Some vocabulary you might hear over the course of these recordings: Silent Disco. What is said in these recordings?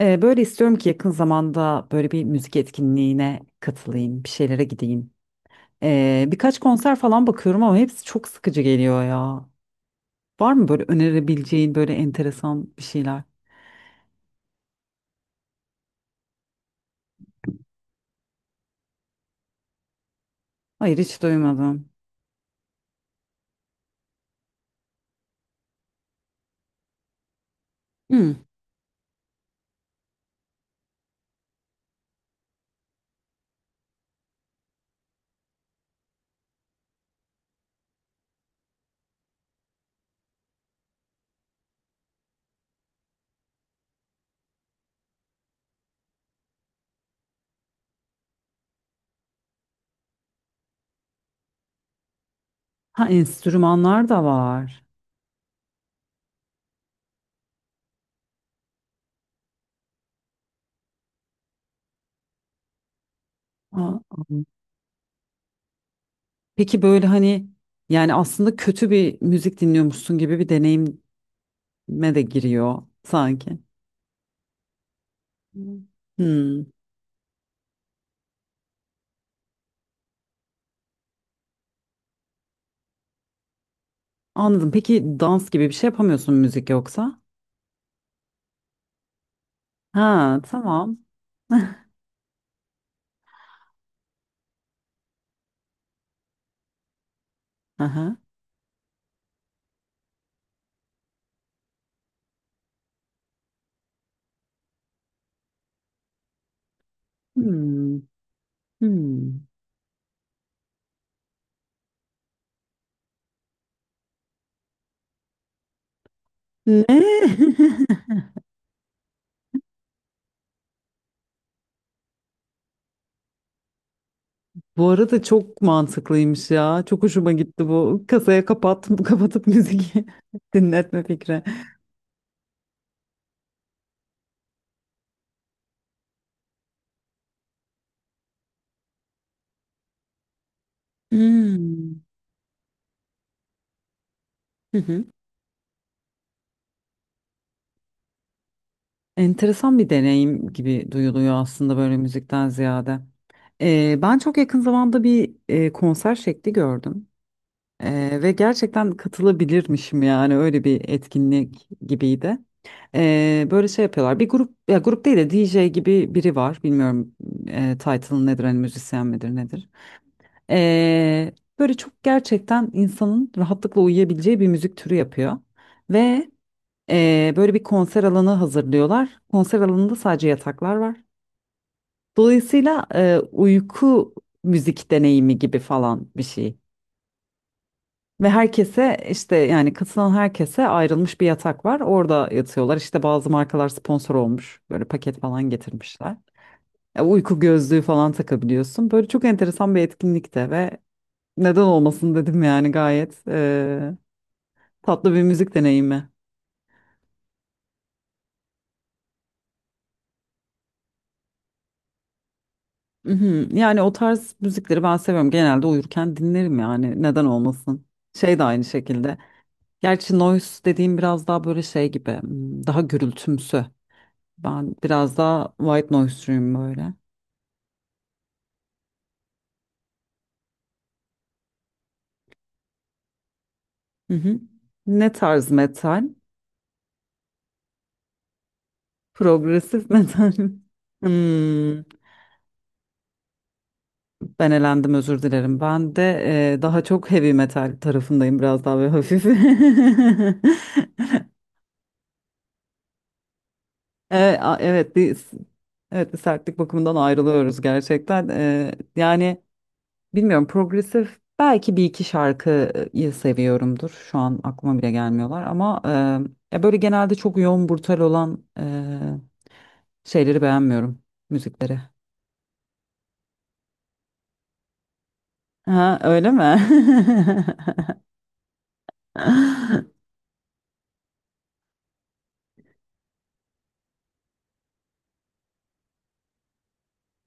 Böyle istiyorum ki yakın zamanda böyle bir müzik etkinliğine katılayım, bir şeylere gideyim. Birkaç konser falan bakıyorum ama hepsi çok sıkıcı geliyor ya. Var mı böyle önerebileceğin böyle enteresan bir şeyler? Hayır, hiç duymadım. Hmm. Ha, enstrümanlar da var. Aa, aa. Peki böyle hani yani aslında kötü bir müzik dinliyormuşsun gibi bir deneyime de giriyor sanki. Hmm. Hmm. Anladım. Peki dans gibi bir şey yapamıyorsun müzik yoksa? Ha, tamam. Aha. Hmm. Hmm. Ne? Bu arada çok mantıklıymış ya. Çok hoşuma gitti bu. Kasaya kapat, kapatıp müzik dinletme fikri. Hmm. Hı hı. Enteresan bir deneyim gibi duyuluyor aslında böyle müzikten ziyade. Ben çok yakın zamanda bir konser şekli gördüm. Ve gerçekten katılabilirmişim yani öyle bir etkinlik gibiydi. Böyle şey yapıyorlar. Bir grup ya grup değil de DJ gibi biri var. Bilmiyorum title'ı nedir hani müzisyen midir nedir. Ee, Böyle çok gerçekten insanın rahatlıkla uyuyabileceği bir müzik türü yapıyor. Ve böyle bir konser alanı hazırlıyorlar. Konser alanında sadece yataklar var. Dolayısıyla uyku müzik deneyimi gibi falan bir şey. Ve herkese işte yani katılan herkese ayrılmış bir yatak var. Orada yatıyorlar. İşte bazı markalar sponsor olmuş. Böyle paket falan getirmişler. Uyku gözlüğü falan takabiliyorsun. Böyle çok enteresan bir etkinlikte ve neden olmasın dedim yani gayet tatlı bir müzik deneyimi. Mhm. Yani o tarz müzikleri ben seviyorum. Genelde uyurken dinlerim yani neden olmasın. Şey de aynı şekilde. Gerçi noise dediğim biraz daha böyle şey gibi hmm, daha gürültümsü. Ben biraz daha white noise'cuyum böyle. Hı hı. Ne tarz metal? Progresif metal mi? Hmm, ben elendim, özür dilerim. Ben de daha çok heavy metal tarafındayım biraz daha ve hafif. Evet, evet bir sertlik bakımından ayrılıyoruz gerçekten. Yani bilmiyorum, progresif belki bir iki şarkıyı seviyorumdur. Şu an aklıma bile gelmiyorlar ama ya böyle genelde çok yoğun brutal olan şeyleri beğenmiyorum, müzikleri. Ha, öyle mi? Hı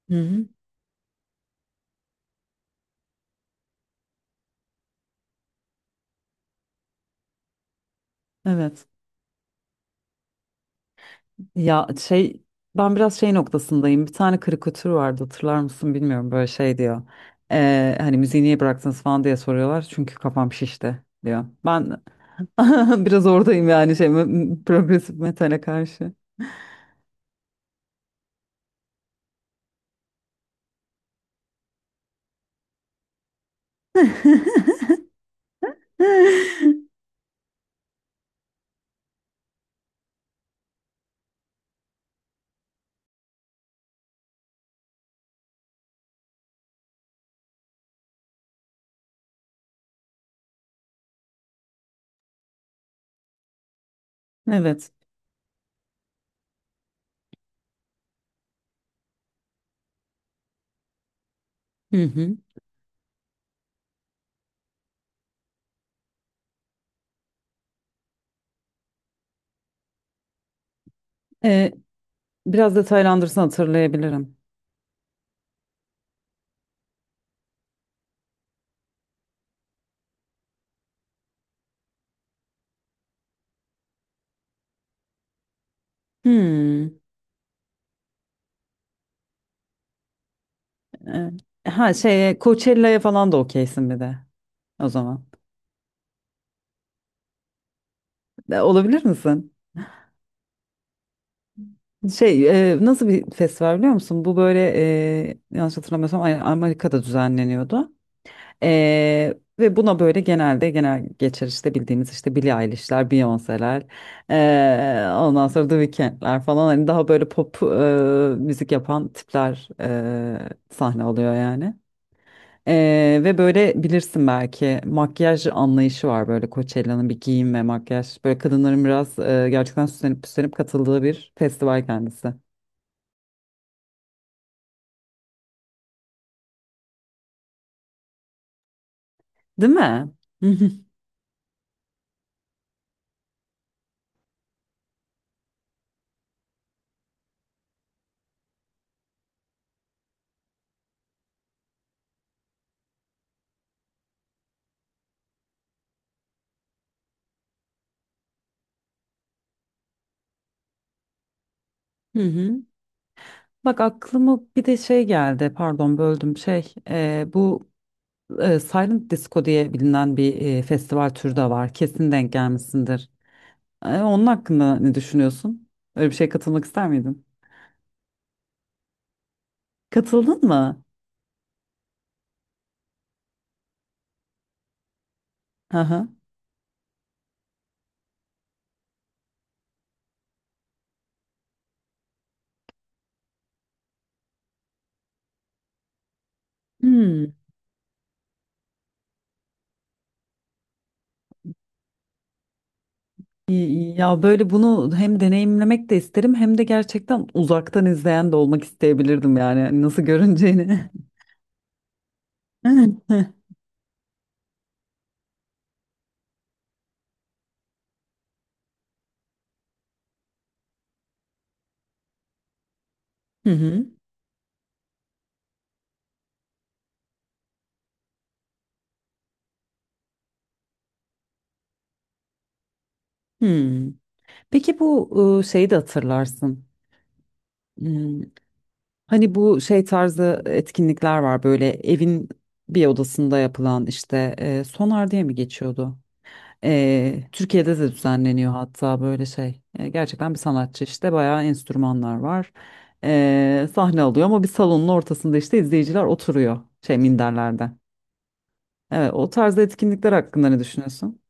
hı. Evet. Ya şey, ben biraz şey noktasındayım. Bir tane karikatür vardı, hatırlar mısın bilmiyorum, böyle şey diyor. Hani müziği niye bıraktınız falan diye soruyorlar. Çünkü kafam şişti diyor. Ben biraz oradayım yani şey progresif metale karşı. Evet. Hı hı. Ee, Biraz detaylandırsın hatırlayabilirim. Hmm. Ee, ha şey, Coachella'ya falan da okeysin bir de o zaman. Olabilir misin? Şey, nasıl bir festival biliyor musun? Bu böyle yanlış hatırlamıyorsam aynen Amerika'da düzenleniyordu. Ve buna böyle genelde genel geçer işte bildiğimiz işte Billie Eilish'ler, Beyoncé'ler, ondan sonra The Weeknd'ler falan hani daha böyle pop müzik yapan tipler sahne alıyor yani. Ve böyle bilirsin belki makyaj anlayışı var böyle Coachella'nın, bir giyim ve makyaj. Böyle kadınların biraz gerçekten süslenip püslenip katıldığı bir festival kendisi. Değil mi? Hı hı. Hı hı. Bak, aklıma bir de şey geldi, pardon böldüm, şey bu Silent Disco diye bilinen bir festival türü de var, kesin denk gelmişsindir. Onun hakkında ne düşünüyorsun? Öyle bir şeye katılmak ister miydin? Katıldın mı? Hı hı. Hmm. İyi, iyi. Ya böyle bunu hem deneyimlemek de isterim hem de gerçekten uzaktan izleyen de olmak isteyebilirdim yani, hani nasıl görüneceğini. Hı hı. Hmm. Peki bu şeyi de hatırlarsın. Hmm. Hani bu şey tarzı etkinlikler var, böyle evin bir odasında yapılan, işte sonar diye mi geçiyordu? Türkiye'de de düzenleniyor hatta böyle şey. Gerçekten bir sanatçı işte bayağı enstrümanlar var. Sahne alıyor ama bir salonun ortasında işte izleyiciler oturuyor şey, minderlerde. Evet, o tarzda etkinlikler hakkında ne düşünüyorsun?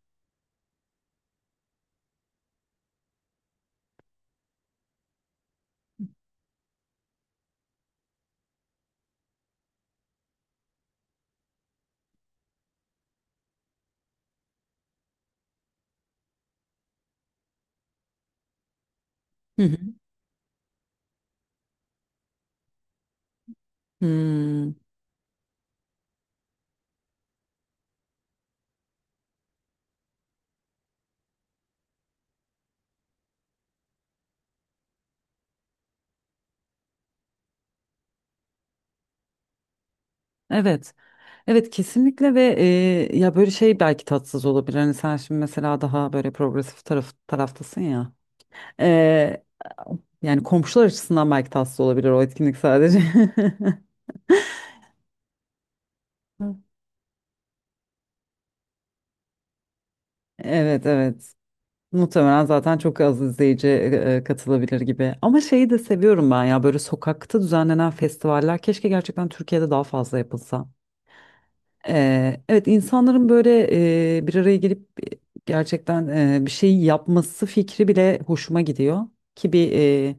Hı hı. Hmm, evet. Evet kesinlikle ve ya böyle şey belki tatsız olabilir. Hani sen şimdi mesela daha böyle progresif taraftasın ya. E, Yani komşular açısından belki tatsız olabilir o etkinlik sadece. Evet, evet. Muhtemelen zaten çok az izleyici katılabilir gibi. Ama şeyi de seviyorum ben ya, böyle sokakta düzenlenen festivaller, keşke gerçekten Türkiye'de daha fazla yapılsa. Evet, insanların böyle bir araya gelip gerçekten bir şey yapması fikri bile hoşuma gidiyor. Ki bir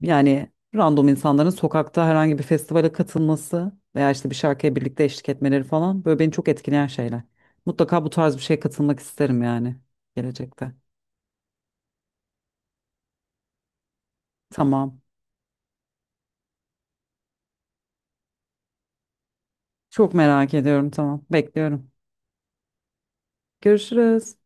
yani random insanların sokakta herhangi bir festivale katılması veya işte bir şarkıya birlikte eşlik etmeleri falan, böyle beni çok etkileyen şeyler. Mutlaka bu tarz bir şeye katılmak isterim yani gelecekte. Tamam. Çok merak ediyorum. Tamam. Bekliyorum. Görüşürüz.